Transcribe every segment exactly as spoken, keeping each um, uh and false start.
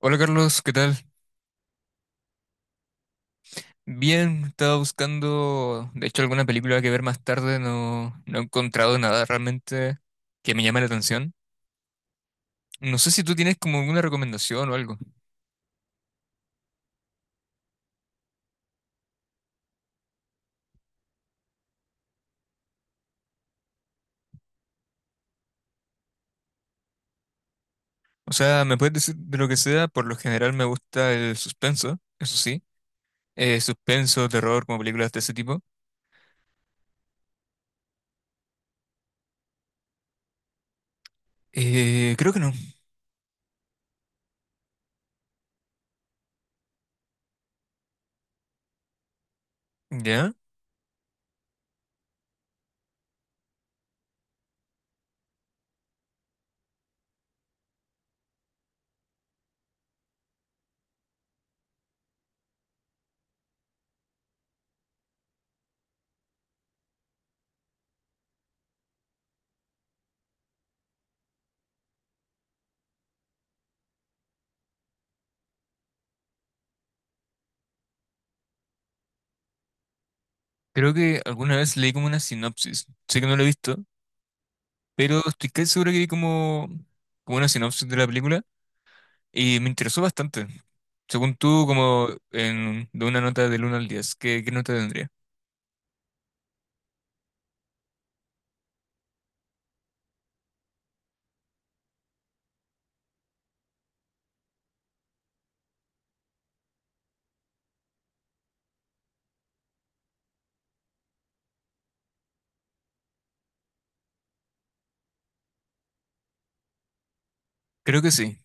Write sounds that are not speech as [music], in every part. Hola Carlos, ¿qué tal? Bien, estaba buscando, de hecho, alguna película que ver más tarde, no, no he encontrado nada realmente que me llame la atención. No sé si tú tienes como alguna recomendación o algo. O sea, me puedes decir de lo que sea, por lo general me gusta el suspenso, eso sí. Eh, suspenso, terror, como películas de ese tipo. Eh, creo que no, ¿ya? Creo que alguna vez leí como una sinopsis, sé que no lo he visto, pero estoy casi seguro que vi como, como una sinopsis de la película. Y me interesó bastante. Según tú, como en, de una nota del uno al diez, ¿qué, qué nota tendría? Creo que sí.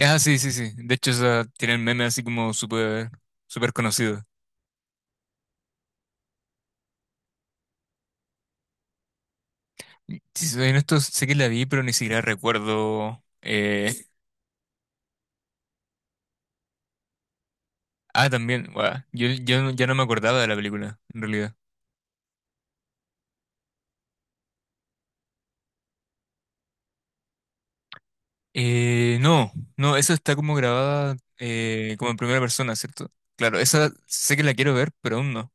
Ah, sí, sí, sí. De hecho, esa tiene el meme así como súper súper conocido. Y si soy honesto, sé que la vi, pero ni siquiera recuerdo. eh, Ah, también, guau. Yo, yo no- Ya no me acordaba de la película, en realidad. Eh, no, no, esa está como grabada eh, como en primera persona, ¿cierto? Claro, esa sé que la quiero ver, pero aún no.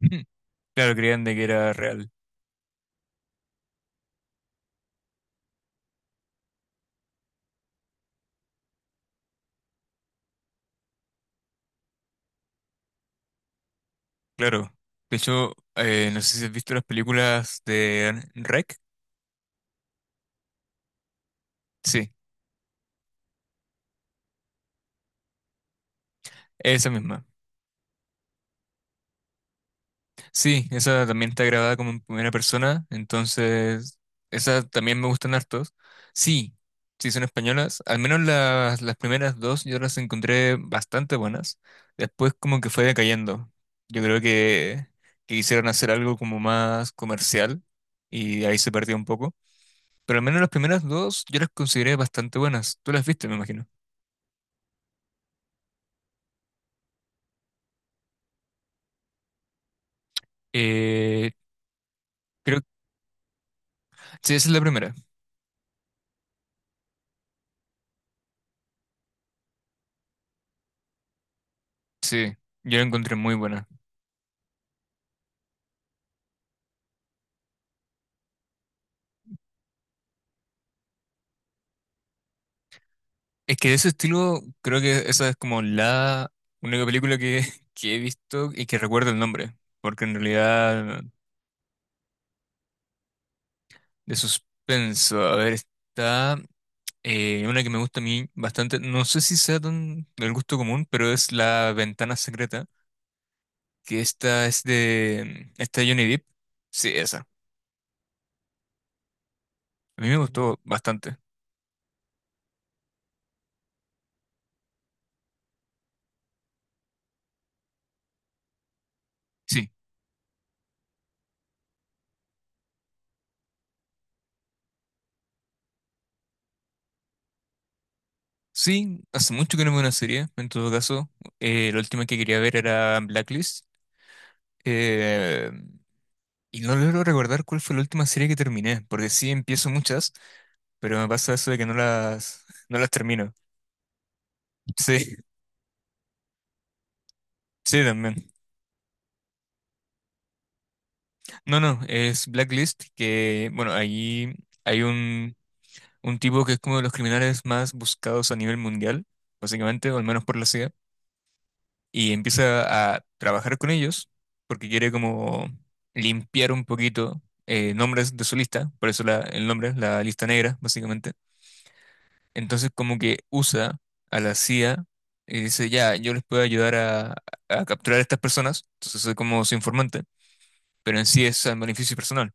[laughs] Claro, creían de que era real. Claro, de hecho, eh, no sé si has visto las películas de R E C. Sí, esa misma. Sí, esa también está grabada como en primera persona, entonces esas también me gustan hartos. Sí, sí son españolas, al menos las, las primeras dos yo las encontré bastante buenas. Después como que fue decayendo. Yo creo que, que quisieron hacer algo como más comercial y ahí se perdió un poco. Pero al menos las primeras dos yo las consideré bastante buenas. Tú las viste, me imagino. Eh, creo, sí, esa es la primera. Sí, yo la encontré muy buena. Es que de ese estilo, creo que esa es como la única película que, [laughs] que he visto y que recuerdo el nombre. Porque en realidad, de suspenso, a ver, está eh, una que me gusta a mí bastante. No sé si sea tan del gusto común, pero es La Ventana Secreta, que esta es de, esta de Johnny Depp. Sí, esa. A mí me gustó bastante. Sí. Sí, hace mucho que no veo una serie, en todo caso. Eh, la última que quería ver era Blacklist. eh, y no logro recordar cuál fue la última serie que terminé, porque sí empiezo muchas, pero me pasa eso de que no las, [laughs] no las termino. Sí, sí, también. No, no, es Blacklist, que, bueno, ahí hay un, un tipo que es como de los criminales más buscados a nivel mundial, básicamente, o al menos por la C I A, y empieza a trabajar con ellos porque quiere como limpiar un poquito eh, nombres de su lista, por eso la- el nombre es la lista negra, básicamente. Entonces como que usa a la C I A y dice, ya, yo les puedo ayudar a, a capturar a estas personas, entonces soy como su informante, pero en sí es al beneficio personal.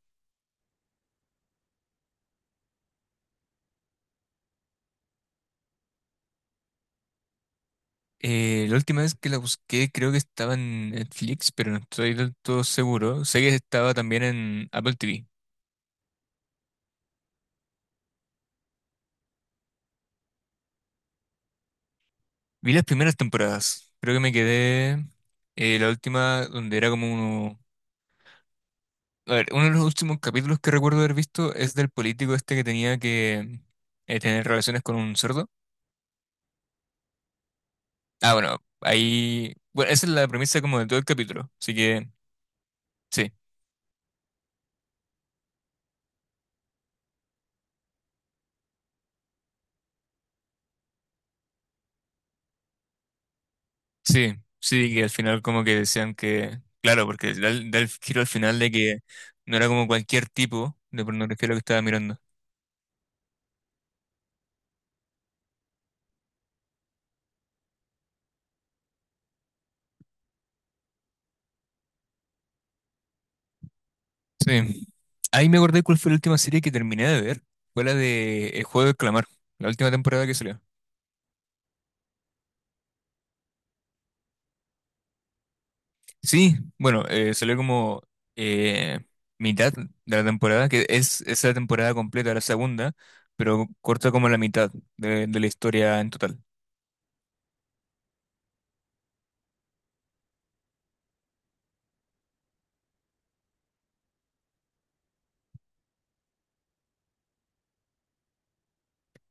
Eh, la última vez que la busqué creo que estaba en Netflix, pero no estoy del todo seguro. Sé que estaba también en Apple T V. Vi las primeras temporadas. Creo que me quedé eh, la última donde era como uno... A ver, uno de los últimos capítulos que recuerdo haber visto es del político este que tenía que eh, tener relaciones con un cerdo. Ah, bueno, ahí... Bueno, esa es la premisa como de todo el capítulo. Así que sí, sí, sí, que al final como que decían que... Claro, porque da el, da el giro al final de que no era como cualquier tipo de pornografía lo que estaba mirando. Sí. Ahí me acordé cuál fue la última serie que terminé de ver. Fue la de El Juego del Clamar, la última temporada que salió. Sí, bueno, eh, salió como eh, mitad de la temporada, que es esa temporada completa, la segunda, pero corta como la mitad de, de la historia en total.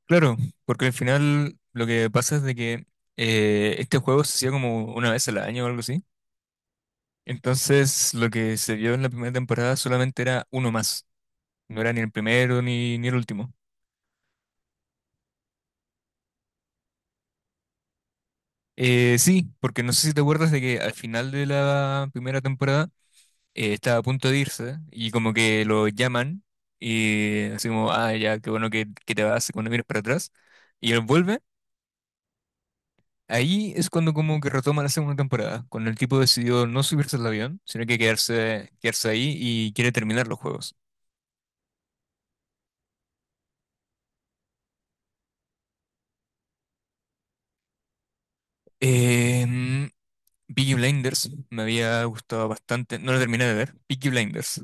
Claro, porque al final lo que pasa es de que eh, este juego se hacía como una vez al año o algo así. Entonces lo que se vio en la primera temporada solamente era uno más. No era ni el primero ni, ni el último. Eh, sí, porque no sé si te acuerdas de que al final de la primera temporada eh, estaba a punto de irse y como que lo llaman y así como, ah, ya, qué bueno que, que te vas cuando vienes para atrás. Y él vuelve, ahí es cuando como que retoma la segunda temporada, cuando el tipo decidió no subirse al avión, sino que quedarse, quedarse ahí y quiere terminar los juegos. Eh, Peaky Blinders me había gustado bastante, no lo terminé de ver, Peaky Blinders.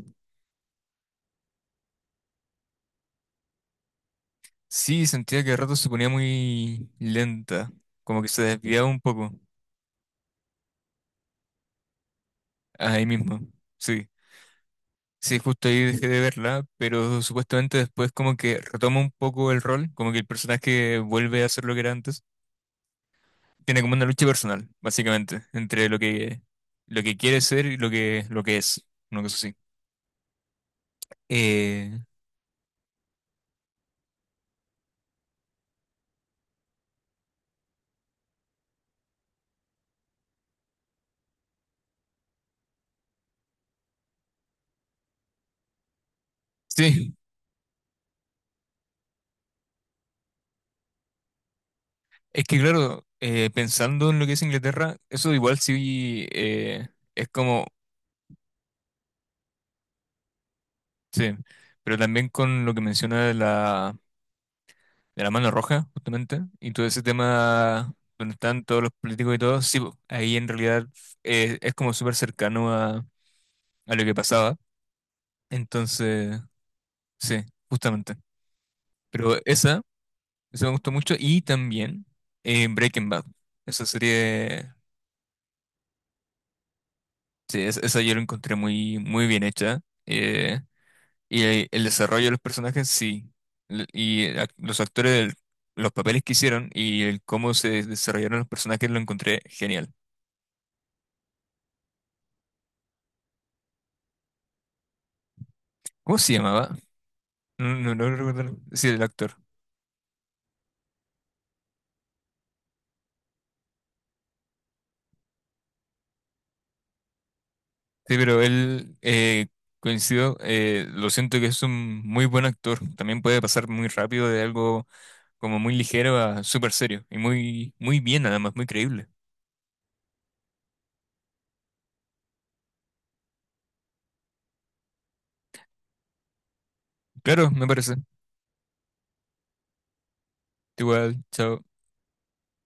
Sí, sentía que de rato se ponía muy lenta, como que se desviaba un poco, ahí mismo, sí. Sí, justo ahí dejé de verla, pero supuestamente después como que retoma un poco el rol, como que el personaje vuelve a ser lo que era antes. Tiene como una lucha personal, básicamente, entre lo que, lo que quiere ser y lo que, lo que es, una cosa así. Eh, sí, es que claro, eh, pensando en lo que es Inglaterra, eso igual sí eh, es como sí, pero también con lo que menciona de la, de la mano roja, justamente, y todo ese tema donde están todos los políticos y todo, sí, po, ahí en realidad eh, es como súper cercano a, a lo que pasaba. Entonces, sí, justamente. Pero esa, esa me gustó mucho, y también eh, Breaking Bad, esa serie, sí, es- esa yo la encontré muy, muy bien hecha. Eh, Y el, el desarrollo de los personajes sí, l- y el ac- los actores, el- los papeles que hicieron y el cómo se desarrollaron los personajes lo encontré genial. ¿Cómo se llamaba? No, no, no recuerdo. Sí, el actor. Sí, pero él, eh, coincido, eh, lo siento que es un muy buen actor. También puede pasar muy rápido de algo como muy ligero a súper serio. Y muy, muy bien, además, muy creíble. Claro, me parece. Igual, chao.